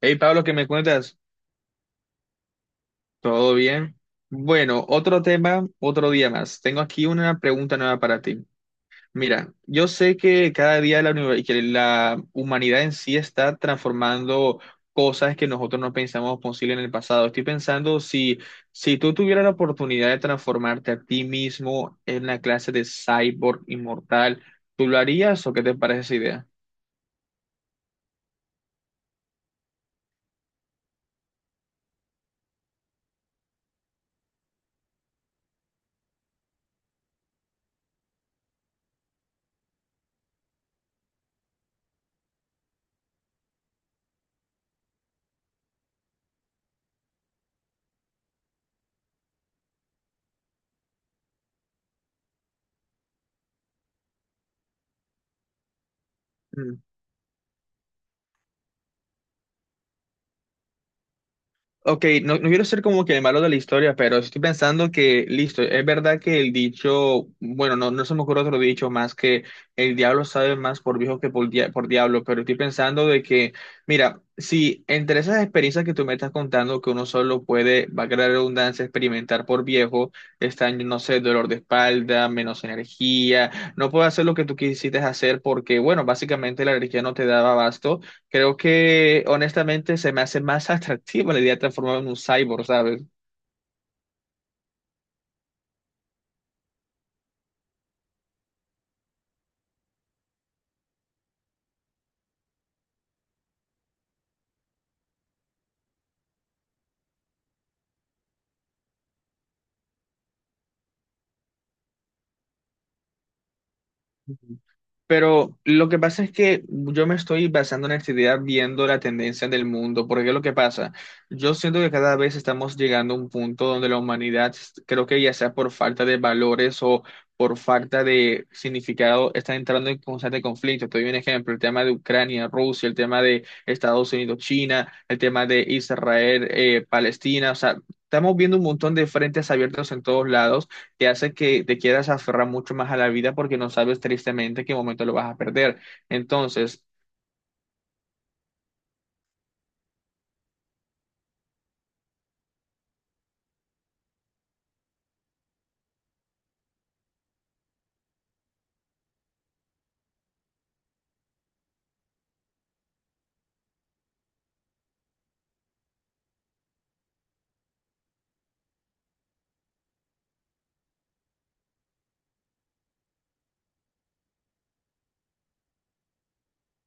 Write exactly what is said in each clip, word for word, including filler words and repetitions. Hey Pablo, ¿qué me cuentas? ¿Todo bien? Bueno, otro tema, otro día más. Tengo aquí una pregunta nueva para ti. Mira, yo sé que cada día la, uni- que la humanidad en sí está transformando cosas que nosotros no pensamos posible en el pasado. Estoy pensando si, si tú tuvieras la oportunidad de transformarte a ti mismo en una clase de cyborg inmortal, ¿tú lo harías o qué te parece esa idea? Ok, no, no quiero ser como que el malo de la historia, pero estoy pensando que, listo, es verdad que el dicho, bueno, no, no se me ocurre otro dicho más que el diablo sabe más por viejo que por, dia- por diablo, pero estoy pensando de que, mira, si entre esas experiencias que tú me estás contando, que uno solo puede, va a crear redundancia, experimentar por viejo, están, no sé, dolor de espalda, menos energía, no puedes hacer lo que tú quisiste hacer porque, bueno, básicamente la energía no te daba abasto. Creo que honestamente se me hace más atractiva la idea de transformarme en un cyborg, ¿sabes? Pero lo que pasa es que yo me estoy basando en esta idea viendo la tendencia del mundo, porque es lo que pasa. Yo siento que cada vez estamos llegando a un punto donde la humanidad, creo que ya sea por falta de valores o por falta de significado, está entrando en constante conflicto. Te doy un ejemplo, el tema de Ucrania, Rusia, el tema de Estados Unidos, China, el tema de Israel, eh, Palestina, o sea, estamos viendo un montón de frentes abiertos en todos lados te hace que te quieras aferrar mucho más a la vida porque no sabes tristemente qué momento lo vas a perder. Entonces,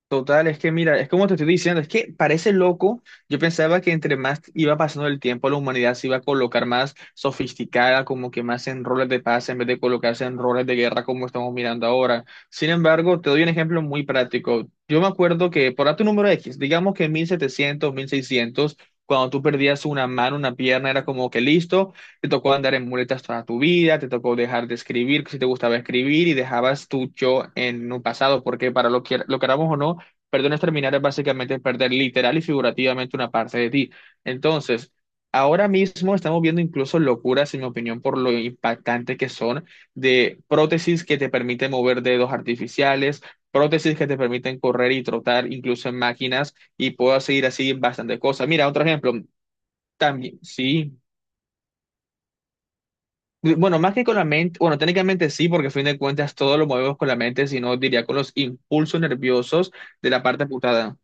total, es que mira, es como te estoy diciendo, es que parece loco. Yo pensaba que entre más iba pasando el tiempo, la humanidad se iba a colocar más sofisticada, como que más en roles de paz, en vez de colocarse en roles de guerra como estamos mirando ahora. Sin embargo, te doy un ejemplo muy práctico. Yo me acuerdo que, por darte un número X, digamos que en mil setecientos mil seiscientos cuando tú perdías una mano, una pierna, era como que listo, te tocó andar en muletas toda tu vida, te tocó dejar de escribir, si te gustaba escribir, y dejabas tu yo en un pasado, porque para lo que lo queramos o no, perdones terminar es básicamente perder literal y figurativamente una parte de ti. Entonces, ahora mismo estamos viendo incluso locuras, en mi opinión, por lo impactante que son de prótesis que te permiten mover dedos artificiales, prótesis que te permiten correr y trotar incluso en máquinas y puedo seguir así bastante cosas. Mira, otro ejemplo, también, sí. Bueno, más que con la mente, bueno, técnicamente sí, porque a fin de cuentas todo lo movemos con la mente, sino diría con los impulsos nerviosos de la parte amputada.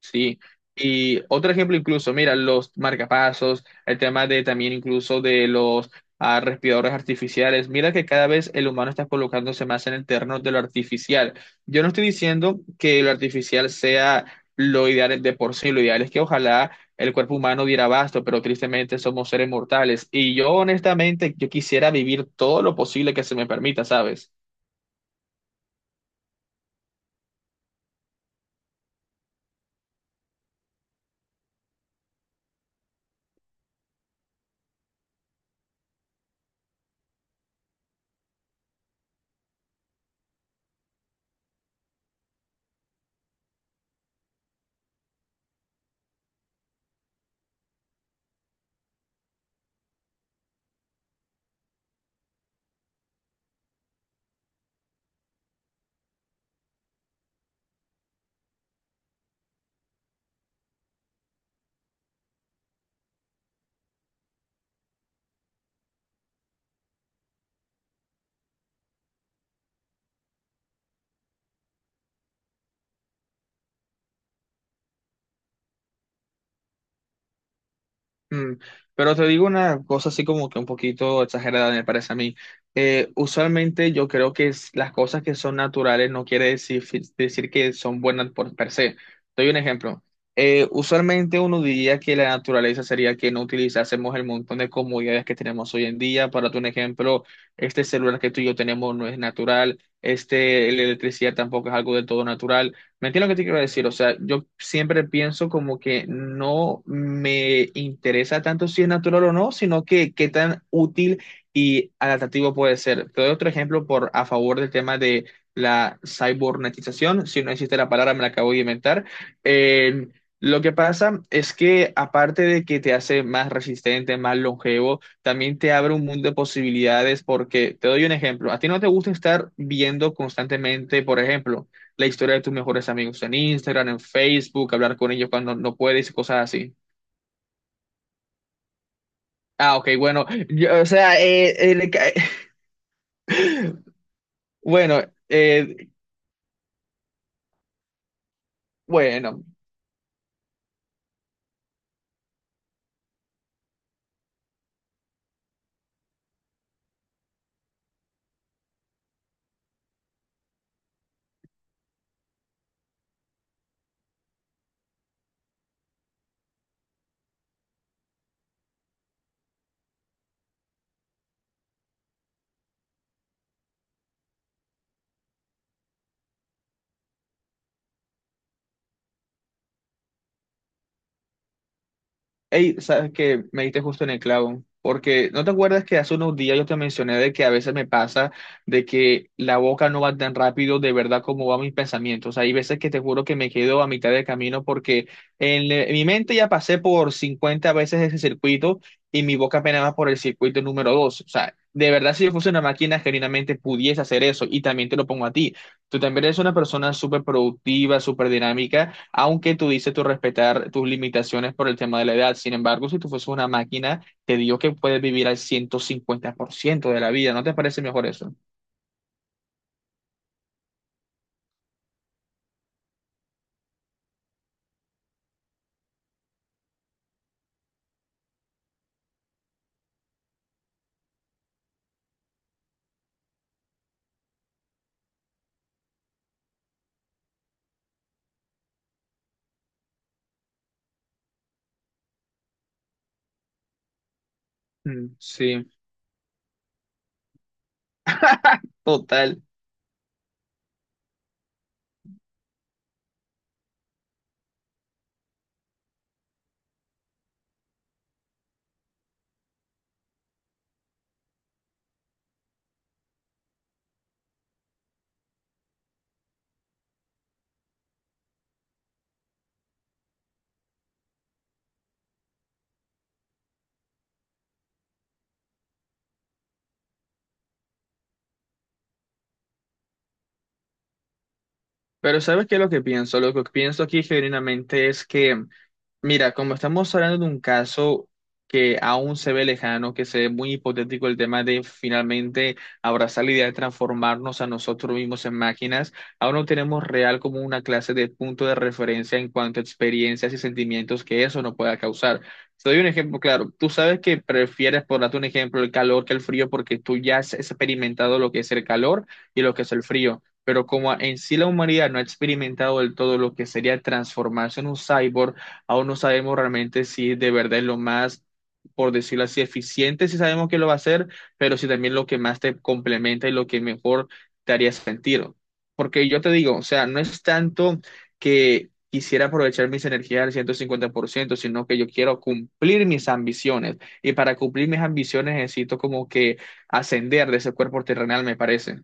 Sí, y otro ejemplo incluso, mira, los marcapasos, el tema de también incluso de los ah, respiradores artificiales, mira que cada vez el humano está colocándose más en el terreno de lo artificial. Yo no estoy diciendo que lo artificial sea lo ideal de por sí, lo ideal es que ojalá el cuerpo humano diera abasto, pero tristemente somos seres mortales y yo honestamente, yo quisiera vivir todo lo posible que se me permita, ¿sabes? Mm. Pero te digo una cosa así como que un poquito exagerada, me parece a mí. Eh, usualmente yo creo que es- las cosas que son naturales no quiere decir, decir que son buenas por per se. Doy un ejemplo. Eh, usualmente uno diría que la naturaleza sería que no utilizásemos el montón de comodidades que tenemos hoy en día. Para tu ejemplo, este celular que tú y yo tenemos no es natural, este, la electricidad tampoco es algo del todo natural. ¿Me entiendes lo que te quiero decir? O sea, yo siempre pienso como que no me interesa tanto si es natural o no, sino que qué tan útil y adaptativo puede ser. Te doy otro ejemplo por a favor del tema de la cibernetización. Si no existe la palabra, me la acabo de inventar. Eh, lo que pasa es que aparte de que te hace más resistente, más longevo, también te abre un mundo de posibilidades porque te doy un ejemplo. A ti no te gusta estar viendo constantemente, por ejemplo la historia de tus mejores amigos en Instagram, en Facebook, hablar con ellos cuando no puedes cosas así. Ah, ok, bueno, yo- o sea, eh, eh, le ca- bueno, eh, bueno, hey, sabes que me diste justo en el clavo, porque ¿no te acuerdas que hace unos días yo te mencioné de que a veces me pasa de que la boca no va tan rápido de verdad como van mis pensamientos? Hay veces que te juro que me quedo a mitad de camino porque en, le- en mi mente ya pasé por cincuenta veces ese circuito y mi boca apenas va por el circuito número dos. O sea, de verdad si yo fuese una máquina genuinamente pudiese hacer eso y también te lo pongo a ti. Tú también eres una persona súper productiva, súper dinámica aunque tuviste tu respetar tus limitaciones por el tema de la edad. Sin embargo, si tú fueses una máquina, te digo que puedes vivir al ciento cincuenta por ciento de la vida. ¿No te parece mejor eso? Mm. Sí, total. Pero ¿sabes qué es lo que pienso? Lo que pienso aquí genuinamente es que, mira, como estamos hablando de un caso que aún se ve lejano, que se ve muy hipotético el tema de finalmente abrazar la idea de transformarnos a nosotros mismos en máquinas, aún no tenemos real como una clase de punto de referencia en cuanto a experiencias y sentimientos que eso nos pueda causar. Te doy un ejemplo claro. Tú sabes que prefieres, por darte un ejemplo, el calor que el frío porque tú ya has experimentado lo que es el calor y lo que es el frío pero como en sí la humanidad no ha experimentado del todo lo que sería transformarse en un cyborg, aún no sabemos realmente si de verdad es lo más, por decirlo así, eficiente, si sabemos que lo va a hacer, pero si también lo que más te complementa y lo que mejor te haría sentir. Porque yo te digo, o sea, no es tanto que quisiera aprovechar mis energías al ciento cincuenta por ciento sino que yo quiero cumplir mis ambiciones. Y para cumplir mis ambiciones necesito como que ascender de ese cuerpo terrenal, me parece.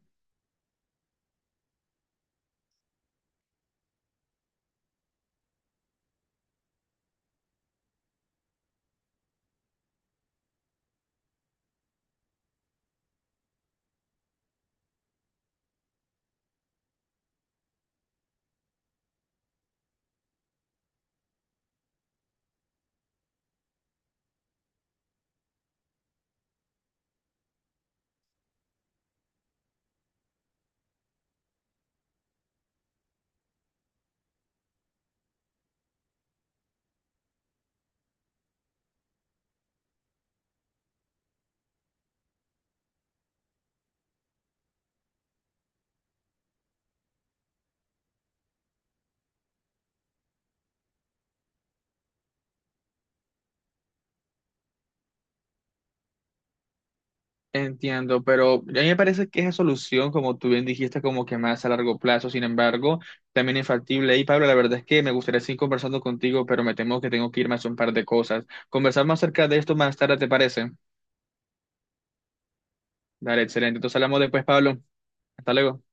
Entiendo, pero a mí me parece que esa solución, como tú bien dijiste, como que más a largo plazo, sin embargo, también es. Y Pablo, la verdad es que me gustaría seguir conversando contigo, pero me temo que tengo que irme a hacer un par de cosas. Conversar más acerca de esto más tarde, ¿te parece? Dale, excelente. Entonces hablamos después, Pablo. Hasta luego.